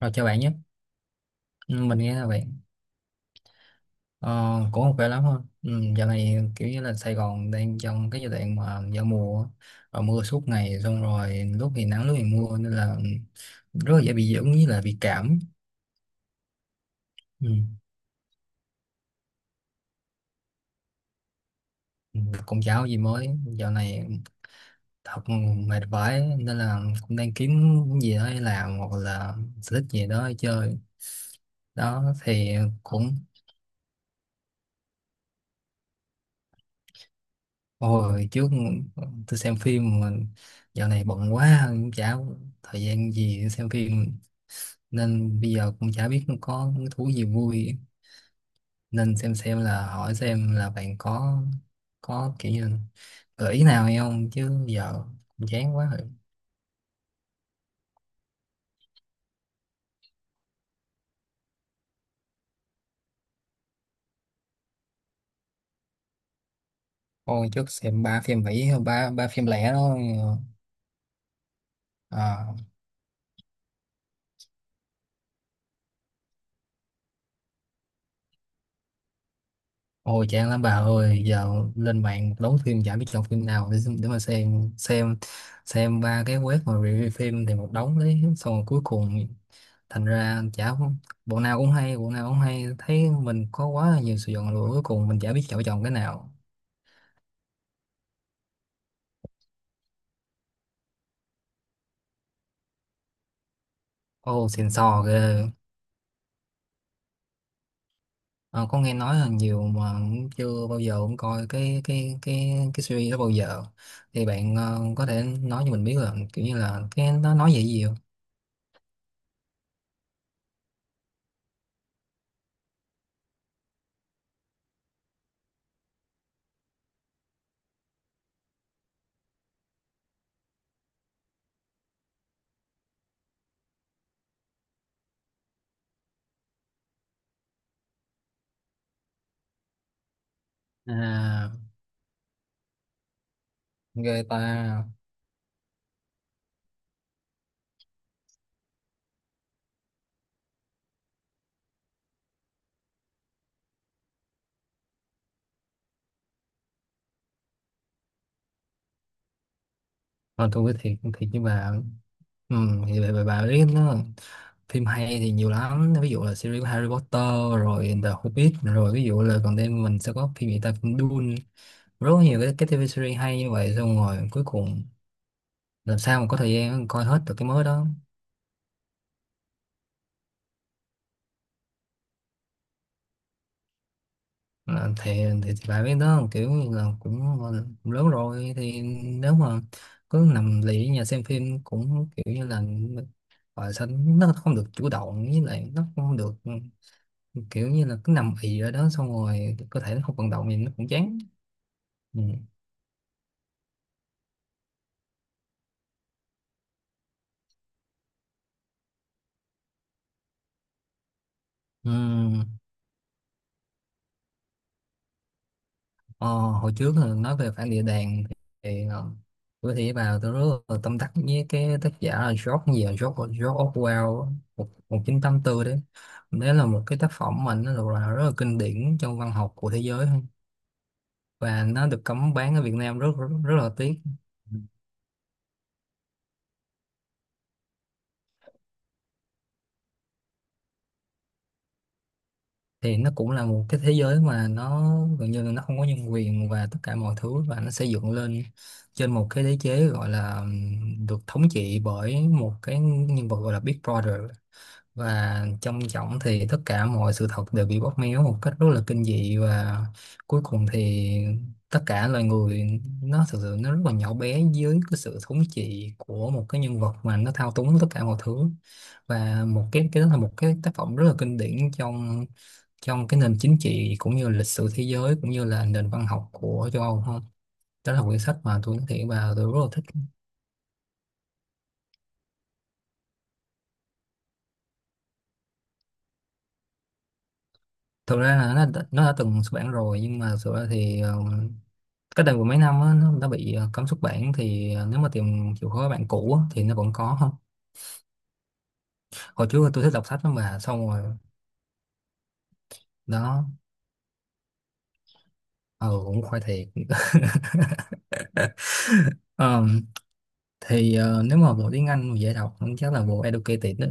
Rồi chào bạn nhé. Ừ, mình nghe là bạn ờ, cũng không khỏe lắm thôi. Ừ, Dạo này kiểu như là Sài Gòn đang trong cái giai đoạn mà giao mùa á, rồi mưa suốt ngày, xong rồi lúc thì nắng lúc thì mưa nên là rất là dễ bị dưỡng với là bị cảm. Ừ. Ừ, Cũng chả có gì mới, dạo này thật mệt vãi nên là cũng đang kiếm cái gì đó để làm hoặc là sở thích gì đó để chơi. Đó thì cũng Ôi, trước tôi xem phim mà dạo này bận quá, cũng chả có thời gian gì để xem phim, nên bây giờ cũng chả biết có cái thú gì vui, nên xem là hỏi xem là bạn có kiểu như gợi ý nào hay không, chứ giờ cũng chán quá rồi. Ôi trước xem ba phim Mỹ ba ba phim lẻ đó. ờ, Ôi chán lắm bà ơi, giờ lên mạng đóng phim chả biết chọn phim nào để mà xem ba cái web mà review phim thì một đống đấy, xong rồi cuối cùng thành ra chả, bộ nào cũng hay bộ nào cũng hay, thấy mình có quá là nhiều sự chọn lựa, cuối cùng mình chả biết chọn chọn cái nào. Ô xịn sò ghê. Ờ, có nghe nói là nhiều mà cũng chưa bao giờ cũng coi cái series đó bao giờ, thì bạn có thể nói cho mình biết là kiểu như là cái nó nói về cái gì không? À, ghê ta. Thôi tôi nói thiệt thiệt với bà, ừ, thì bà biết nó, phim hay thì nhiều lắm, ví dụ là series của Harry Potter rồi The Hobbit, rồi ví dụ là còn đây mình sẽ có phim gì ta, phim Dune, rất nhiều cái TV series hay như vậy, xong rồi cuối cùng làm sao mà có thời gian coi hết được cái mới đó. Là thì bà biết đó, kiểu như là cũng cũng lớn rồi, thì nếu mà cứ nằm lì ở nhà xem phim cũng kiểu như là, và sao nó không được chủ động, với lại nó không được, kiểu như là cứ nằm ì ở đó, xong rồi cơ thể nó không vận động thì nó cũng chán. Ừ. Ừ. Ờ, hồi trước là nói về phản địa đàn, thì bữa thì vào tôi rất là tâm đắc với cái tác giả là George gì à? George Orwell á, 1984 đấy, đấy là một cái tác phẩm mà nó được là rất là kinh điển trong văn học của thế giới, và nó được cấm bán ở Việt Nam, rất rất, rất là tiếc. Ừ. Thì nó cũng là một cái thế giới mà nó gần như là nó không có nhân quyền và tất cả mọi thứ, và nó xây dựng lên trên một cái đế chế gọi là được thống trị bởi một cái nhân vật gọi là Big Brother, và trong trọng thì tất cả mọi sự thật đều bị bóp méo một cách rất là kinh dị, và cuối cùng thì tất cả loài người nó thực sự nó rất là nhỏ bé dưới cái sự thống trị của một cái nhân vật mà nó thao túng tất cả mọi thứ, và một cái đó là một cái tác phẩm rất là kinh điển trong trong cái nền chính trị cũng như lịch sử thế giới cũng như là nền văn học của châu Âu không, đó là quyển sách mà tôi nói thiệt và tôi rất là thích. Thực ra là nó đã từng xuất bản rồi, nhưng mà thực ra thì cách đây mười mấy năm á nó bị cấm xuất bản, thì nếu mà tìm chịu khó bạn cũ á, thì nó vẫn có không. Hồi trước tôi thích đọc sách lắm mà xong rồi đó. Ừ, cũng khoai thiệt. Ờ, thì nếu mà bộ tiếng Anh mà dễ đọc chắc là bộ Educated đó.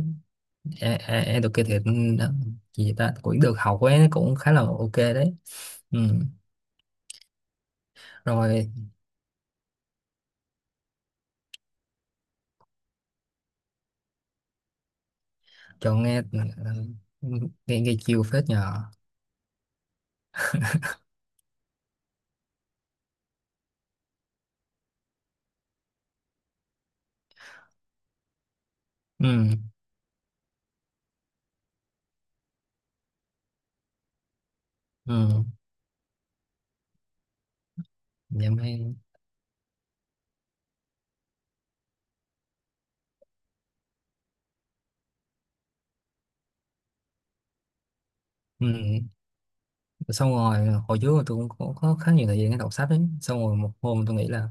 E e- Educated, ừ, đó. Gì vậy ta, cũng được học ấy, cũng khá là ok đấy. Ừ. Rồi chọn nghe, nghe chiều phết nhờ. Ừ. Ừ. Dạ mê. Ừ. Xong rồi hồi trước tôi cũng có khá nhiều thời gian để đọc sách ấy, xong rồi một hôm tôi nghĩ là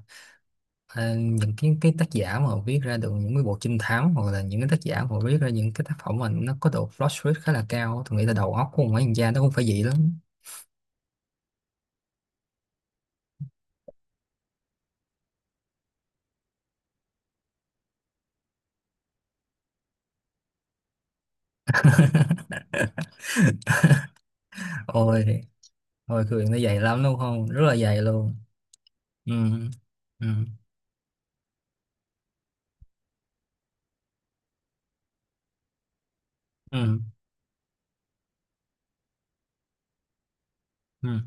à, những cái tác giả mà họ viết ra được những cái bộ trinh thám, hoặc là những cái tác giả mà họ viết ra những cái tác phẩm mà nó có độ plot twist khá là cao, tôi nghĩ là đầu óc của một mấy thằng cha nó cũng phải vậy lắm. Ôi, ôi cười, nó dày lắm đúng không, rất là dày luôn. Ừ. Ừ. Ừ. Ừ.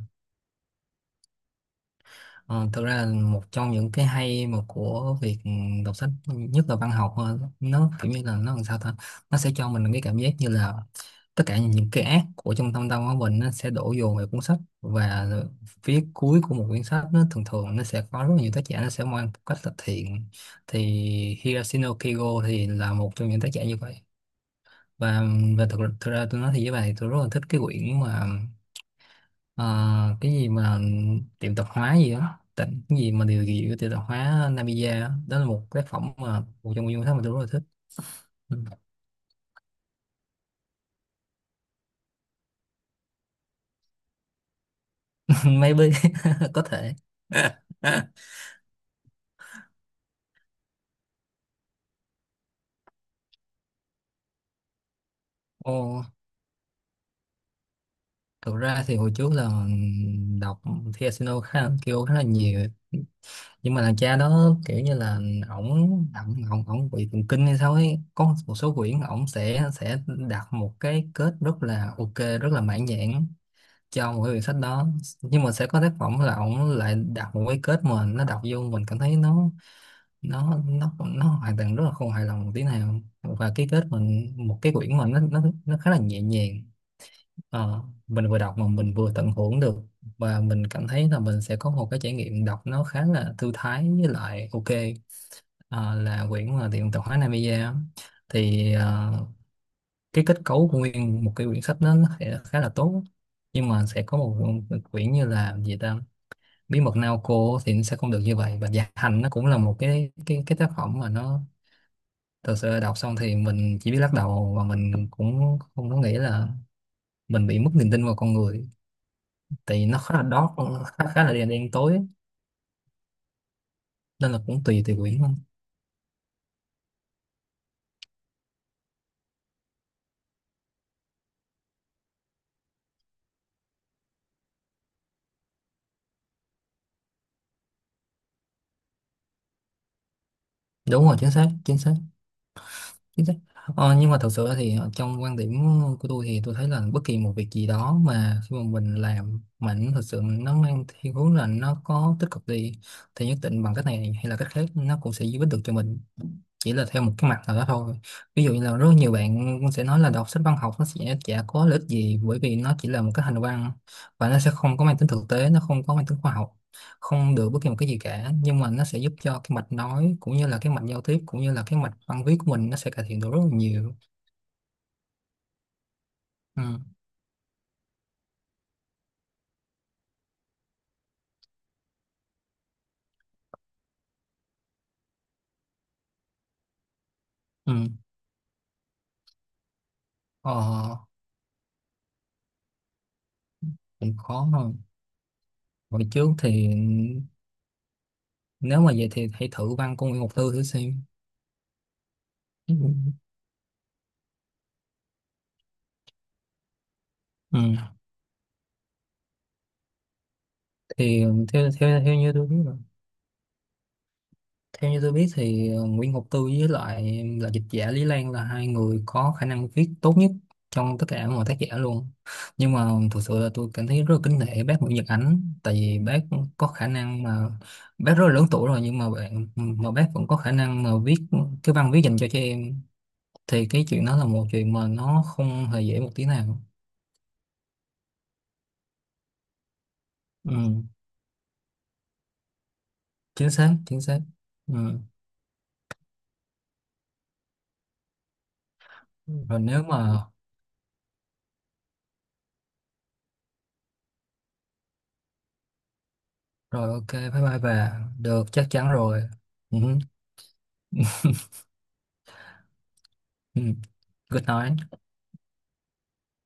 Ờ, thực ra là một trong những cái hay mà của việc đọc sách, nhất là văn học, nó kiểu như là nó làm sao ta, nó sẽ cho mình cái cảm giác như là tất cả những cái ác của trong thâm tâm của mình nó sẽ đổ dồn về cuốn sách, và phía cuối của một cuốn sách nó thường thường nó sẽ có rất là nhiều tác giả nó sẽ mang một cách là thiện, thì Hiroshino Kigo thì là một trong những tác giả như vậy. và và thực thực ra tôi nói thì với bà thì tôi rất là thích cái quyển mà Ờ, cái gì mà tiệm tạp hóa gì đó tỉnh cái gì mà điều gì của tiệm tạp hóa Namiya á, đó là một tác phẩm mà một trong những thứ mà tôi rất là thích. Ừ. Maybe. Có thể. Ồ, thực ra thì hồi trước là đọc thì Asino khá là, kêu khá là nhiều, nhưng mà thằng cha đó kiểu như là ổng ổng bị thần kinh hay sao ấy, có một số quyển ổng sẽ đặt một cái kết rất là ok, rất là mãn nhãn cho một cái quyển sách đó, nhưng mà sẽ có tác phẩm là ổng lại đặt một cái kết mà nó đọc vô mình cảm thấy nó hoàn toàn rất là không hài lòng một tí nào, và cái kết mình một cái quyển mà nó khá là nhẹ nhàng. Ờ, mình vừa đọc mà mình vừa tận hưởng được, và mình cảm thấy là mình sẽ có một cái trải nghiệm đọc nó khá là thư thái với lại ok. Ờ, là quyển mà tiệm tạp hóa Namiya thì cái kết cấu của nguyên một cái quyển sách đó nó sẽ khá là tốt, nhưng mà sẽ có một quyển như là gì ta, bí mật Naoko, thì nó sẽ không được như vậy. Và Dạ Hành nó cũng là một cái tác phẩm mà nó thật sự đọc xong thì mình chỉ biết lắc đầu, và mình cũng không có nghĩ là mình bị mất niềm tin vào con người, tại vì nó khá là dark, khá là đen đen tối, nên là cũng tùy tùy quyển thôi. Đúng rồi, chính xác chính xác. Chính xác. Ờ, nhưng mà thật sự thì trong quan điểm của tôi thì tôi thấy là bất kỳ một việc gì đó mà khi mà mình làm mà nó thật sự nó mang thiên hướng là nó có tích cực đi, thì nhất định bằng cách này hay là cách khác nó cũng sẽ giúp ích được cho mình, chỉ là theo một cái mặt nào đó thôi. Ví dụ như là rất nhiều bạn cũng sẽ nói là đọc sách văn học nó sẽ chả có lợi ích gì, bởi vì nó chỉ là một cái hành văn và nó sẽ không có mang tính thực tế, nó không có mang tính khoa học, không được bất kỳ một cái gì cả, nhưng mà nó sẽ giúp cho cái mạch nói cũng như là cái mạch giao tiếp cũng như là cái mạch văn viết của mình nó sẽ cải thiện được rất là nhiều. Ừ. Ừ. Ờ, cũng khó hơn hồi trước, thì nếu mà vậy thì hãy thử văn của Nguyễn Ngọc Tư thử xem. Ừ. Ừ. Thì theo theo theo như tôi biết, theo như tôi biết thì Nguyễn Ngọc Tư với lại là dịch giả Lý Lan là hai người có khả năng viết tốt nhất trong tất cả mọi tác giả luôn. Nhưng mà thực sự là tôi cảm thấy rất là kính nể bác Nguyễn Nhật Ánh, tại vì bác có khả năng mà bác rất là lớn tuổi rồi, nhưng mà bạn mà bác vẫn có khả năng mà viết cái văn viết dành cho trẻ em, thì cái chuyện đó là một chuyện mà nó không hề dễ một tí nào. Ừ, chính xác, chính xác. Ừ. Ừ. Rồi nếu mà rồi ok bye bye bà được, chắc chắn rồi. Ừ. Ừ. Good nói.